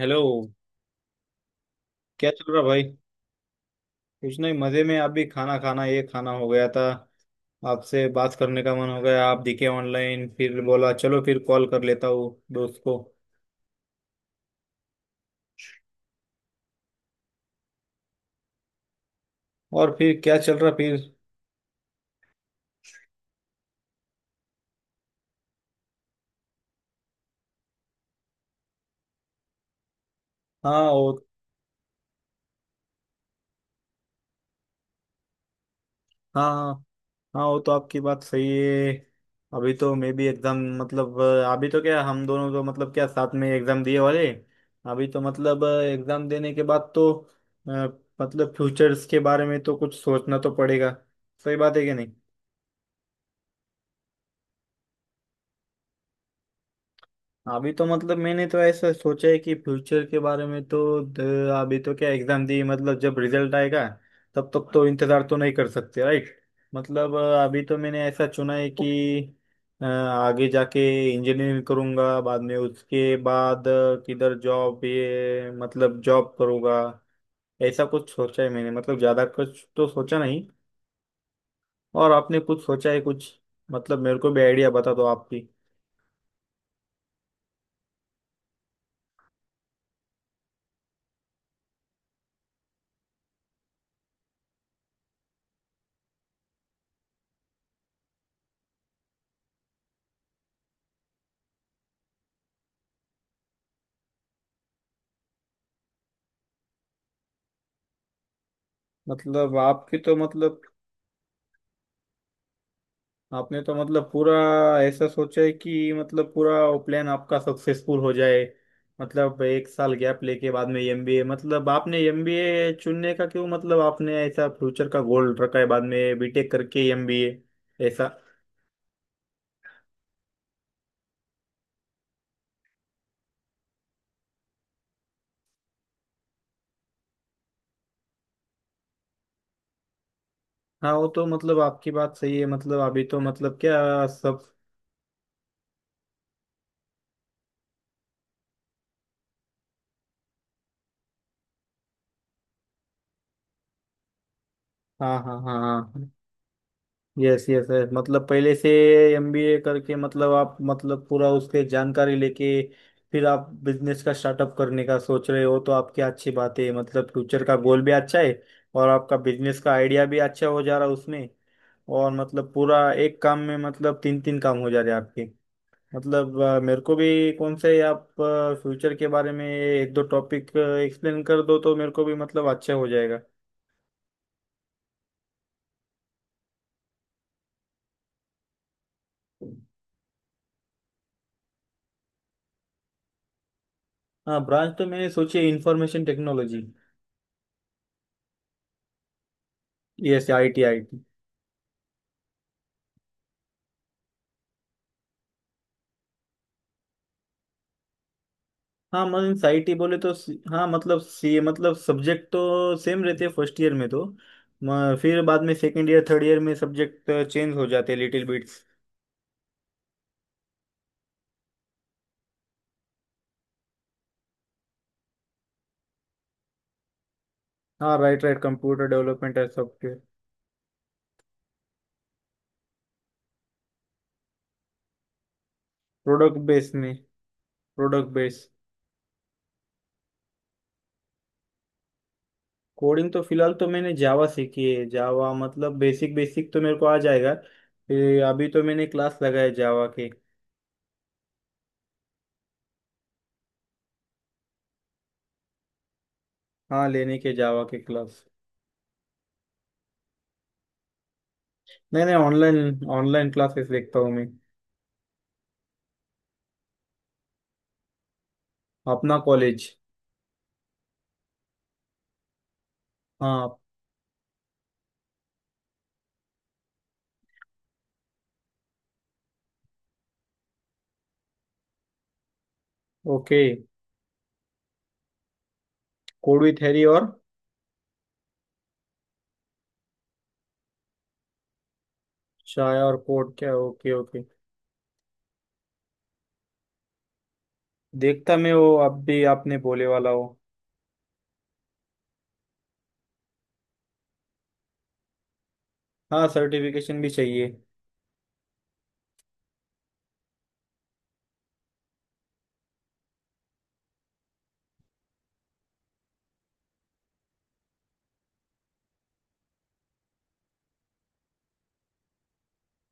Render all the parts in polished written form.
Hello. क्या चल रहा भाई। कुछ नहीं, मजे में। आप भी खाना खाना, ये खाना हो गया था। आपसे बात करने का मन हो गया, आप दिखे ऑनलाइन, फिर बोला चलो फिर कॉल कर लेता हूँ दोस्त को। और फिर क्या चल रहा फिर। हाँ वो। हाँ हाँ। हाँ, वो तो आपकी बात सही है। अभी तो मैं भी एग्जाम, मतलब अभी तो क्या, हम दोनों तो मतलब क्या साथ में एग्जाम दिए वाले। अभी तो मतलब एग्जाम देने के बाद तो अ, मतलब फ्यूचर्स के बारे में तो कुछ सोचना तो पड़ेगा। सही बात है कि नहीं। अभी तो मतलब मैंने तो ऐसा सोचा है कि फ्यूचर के बारे में तो द- अभी तो क्या एग्जाम दी, मतलब जब रिजल्ट आएगा, तब तक तो इंतजार तो नहीं कर सकते, राइट। मतलब अभी तो मैंने ऐसा चुना है कि आगे जाके इंजीनियरिंग करूंगा, बाद में उसके बाद किधर जॉब, ये मतलब जॉब करूंगा। ऐसा कुछ सोचा है मैंने, मतलब ज्यादा कुछ तो सोचा नहीं। और आपने कुछ सोचा है कुछ। मतलब मेरे को भी आइडिया बता दो आपकी। मतलब आपकी तो मतलब, आपने तो मतलब पूरा ऐसा सोचा है कि मतलब पूरा वो प्लान आपका सक्सेसफुल हो जाए। मतलब एक साल गैप लेके बाद में एमबीए, मतलब आपने एमबीए चुनने का क्यों, मतलब आपने ऐसा फ्यूचर का गोल रखा है, बाद में बीटेक करके एमबीए, ऐसा। हाँ, वो तो मतलब आपकी बात सही है, मतलब अभी तो मतलब क्या सब। हाँ हाँ हाँ हाँ। यस यस यस, मतलब पहले से एमबीए करके मतलब आप मतलब पूरा उसके जानकारी लेके फिर आप बिजनेस का स्टार्टअप करने का सोच रहे हो, तो आपकी अच्छी बात है, मतलब फ्यूचर का गोल भी अच्छा है। और आपका बिजनेस का आइडिया भी अच्छा हो जा रहा है उसमें। और मतलब पूरा एक काम में मतलब तीन तीन काम हो जा रहे हैं आपके। मतलब मेरे को भी कौन से आप फ्यूचर के बारे में एक दो टॉपिक एक्सप्लेन कर दो तो मेरे को भी मतलब अच्छा हो जाएगा। हाँ, ब्रांच तो मैंने सोची है information technology. Yes, I T I T. हाँ, मतलब मीन्स आई टी बोले तो हाँ मतलब सी, मतलब सब्जेक्ट तो सेम रहते हैं फर्स्ट ईयर में तो। फिर बाद में सेकंड ईयर थर्ड ईयर में सब्जेक्ट चेंज हो जाते हैं लिटिल बिट्स। हाँ, right right, computer development and software. Product base में। Product base. कोडिंग तो फिलहाल तो मैंने जावा सीखी है, जावा मतलब बेसिक बेसिक तो मेरे को आ जाएगा। फिर अभी तो मैंने क्लास लगाए जावा के। हाँ, लेने के जावा के क्लास। नहीं नहीं, ऑनलाइन ऑनलाइन क्लासेस देखता हूँ मैं। अपना कॉलेज। हाँ, ओके। कोड विथ हैरी और चाय और कोड, क्या, ओके ओके। देखता मैं वो, अब भी आपने बोले वाला हो। हाँ, सर्टिफिकेशन भी चाहिए।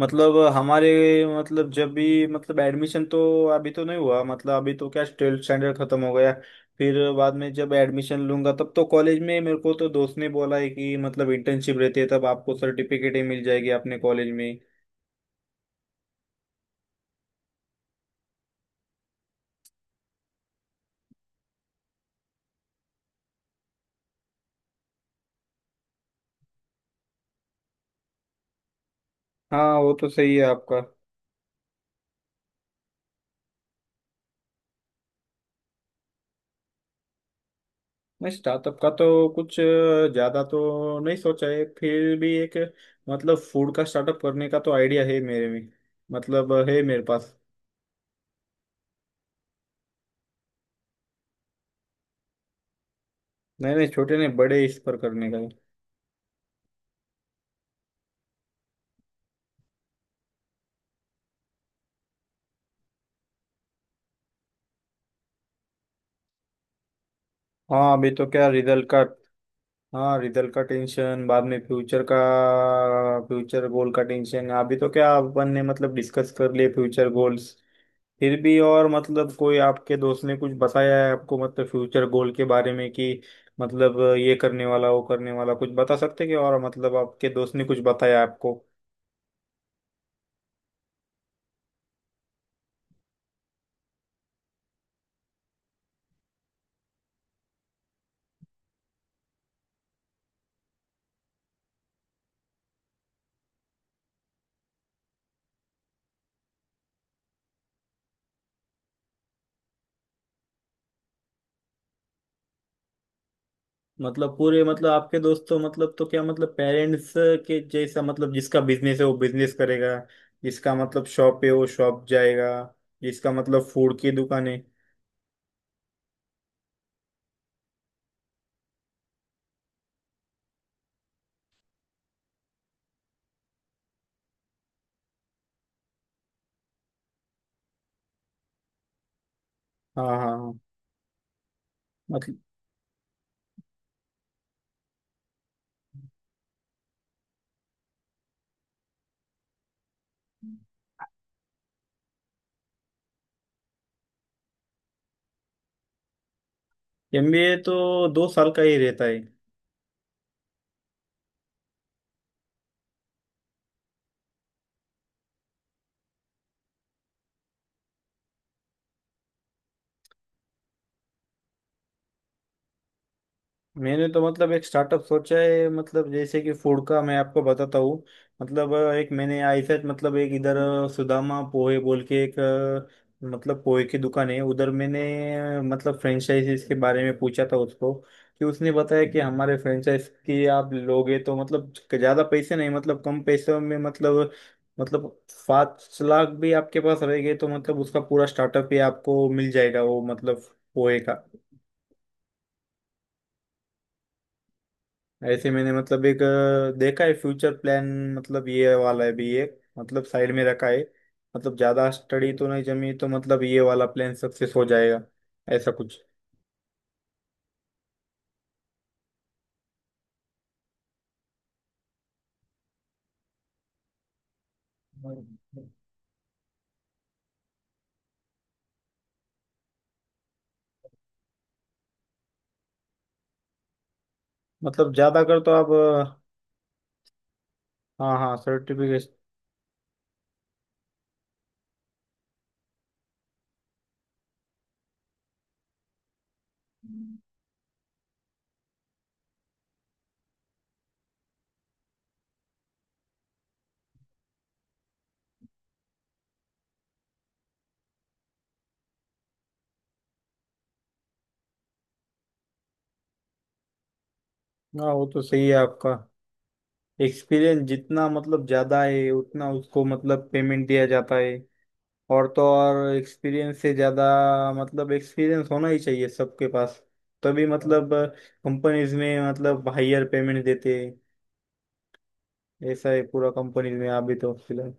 मतलब हमारे, मतलब जब भी मतलब एडमिशन तो अभी तो नहीं हुआ, मतलब अभी तो क्या ट्वेल्थ स्टैंडर्ड खत्म हो गया। फिर बाद में जब एडमिशन लूंगा, तब तो कॉलेज में मेरे को तो दोस्त ने बोला है कि मतलब इंटर्नशिप रहती है, तब आपको सर्टिफिकेट ही मिल जाएगी अपने कॉलेज में। हाँ, वो तो सही है आपका। नहीं, स्टार्टअप का तो कुछ ज्यादा तो नहीं सोचा है, फिर भी एक, मतलब फूड का स्टार्टअप करने का तो आइडिया है मेरे में, मतलब है मेरे पास। नहीं नहीं, छोटे नहीं, बड़े इस पर करने का है। हाँ, अभी तो क्या रिजल्ट का। हाँ, रिजल्ट का टेंशन बाद में, फ्यूचर का, फ्यूचर गोल का टेंशन अभी तो क्या, अपन ने मतलब डिस्कस कर लिए फ्यूचर गोल्स। फिर भी, और मतलब कोई आपके दोस्त ने कुछ बताया है आपको मतलब फ्यूचर गोल के बारे में कि मतलब ये करने वाला, वो करने वाला, कुछ बता सकते हैं क्या, और मतलब आपके दोस्त ने कुछ बताया आपको। मतलब पूरे, मतलब आपके दोस्त तो मतलब, तो क्या मतलब पेरेंट्स के जैसा, मतलब जिसका बिजनेस है वो बिजनेस करेगा। जिसका मतलब शॉप है वो शॉप जाएगा। जिसका मतलब फूड की दुकान है। हाँ हाँ हाँ। मतलब एमबीए तो दो साल का ही रहता है। मैंने तो मतलब एक स्टार्टअप सोचा है, मतलब जैसे कि फूड का, मैं आपको बताता हूँ। मतलब एक मैंने ऐसा, मतलब एक इधर सुदामा पोहे बोल के एक, मतलब पोहे की दुकान है उधर, मैंने मतलब फ्रेंचाइजीज के बारे में पूछा था उसको। कि उसने बताया कि हमारे फ्रेंचाइज की आप लोगे तो मतलब ज़्यादा पैसे नहीं, मतलब कम पैसों में, मतलब 5 लाख भी आपके पास रहेंगे तो मतलब उसका पूरा स्टार्टअप ही आपको मिल जाएगा, वो मतलब पोहे का। ऐसे मैंने मतलब एक देखा है फ्यूचर प्लान। मतलब ये वाला है भी एक, मतलब साइड में रखा है। मतलब ज्यादा स्टडी तो नहीं जमी तो मतलब ये वाला प्लान सक्सेस हो जाएगा, ऐसा कुछ। मतलब ज्यादा कर तो आप हाँ हाँ, सर्टिफिकेट। हाँ, वो तो सही है आपका, एक्सपीरियंस जितना मतलब ज्यादा है उतना उसको मतलब पेमेंट दिया जाता है। और तो और एक्सपीरियंस से ज़्यादा, मतलब एक्सपीरियंस होना ही चाहिए सबके पास, तभी मतलब कंपनीज में मतलब हायर पेमेंट देते हैं। ऐसा है पूरा कंपनीज में अभी तो फिलहाल।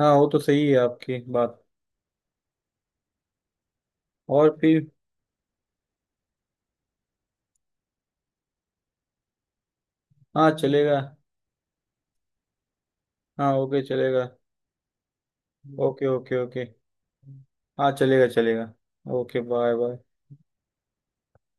हाँ, वो तो सही है आपकी बात। और फिर। हाँ, चलेगा। हाँ, ओके, चलेगा। Okay okay okay. हाँ, चलेगा चलेगा। Okay, bye bye.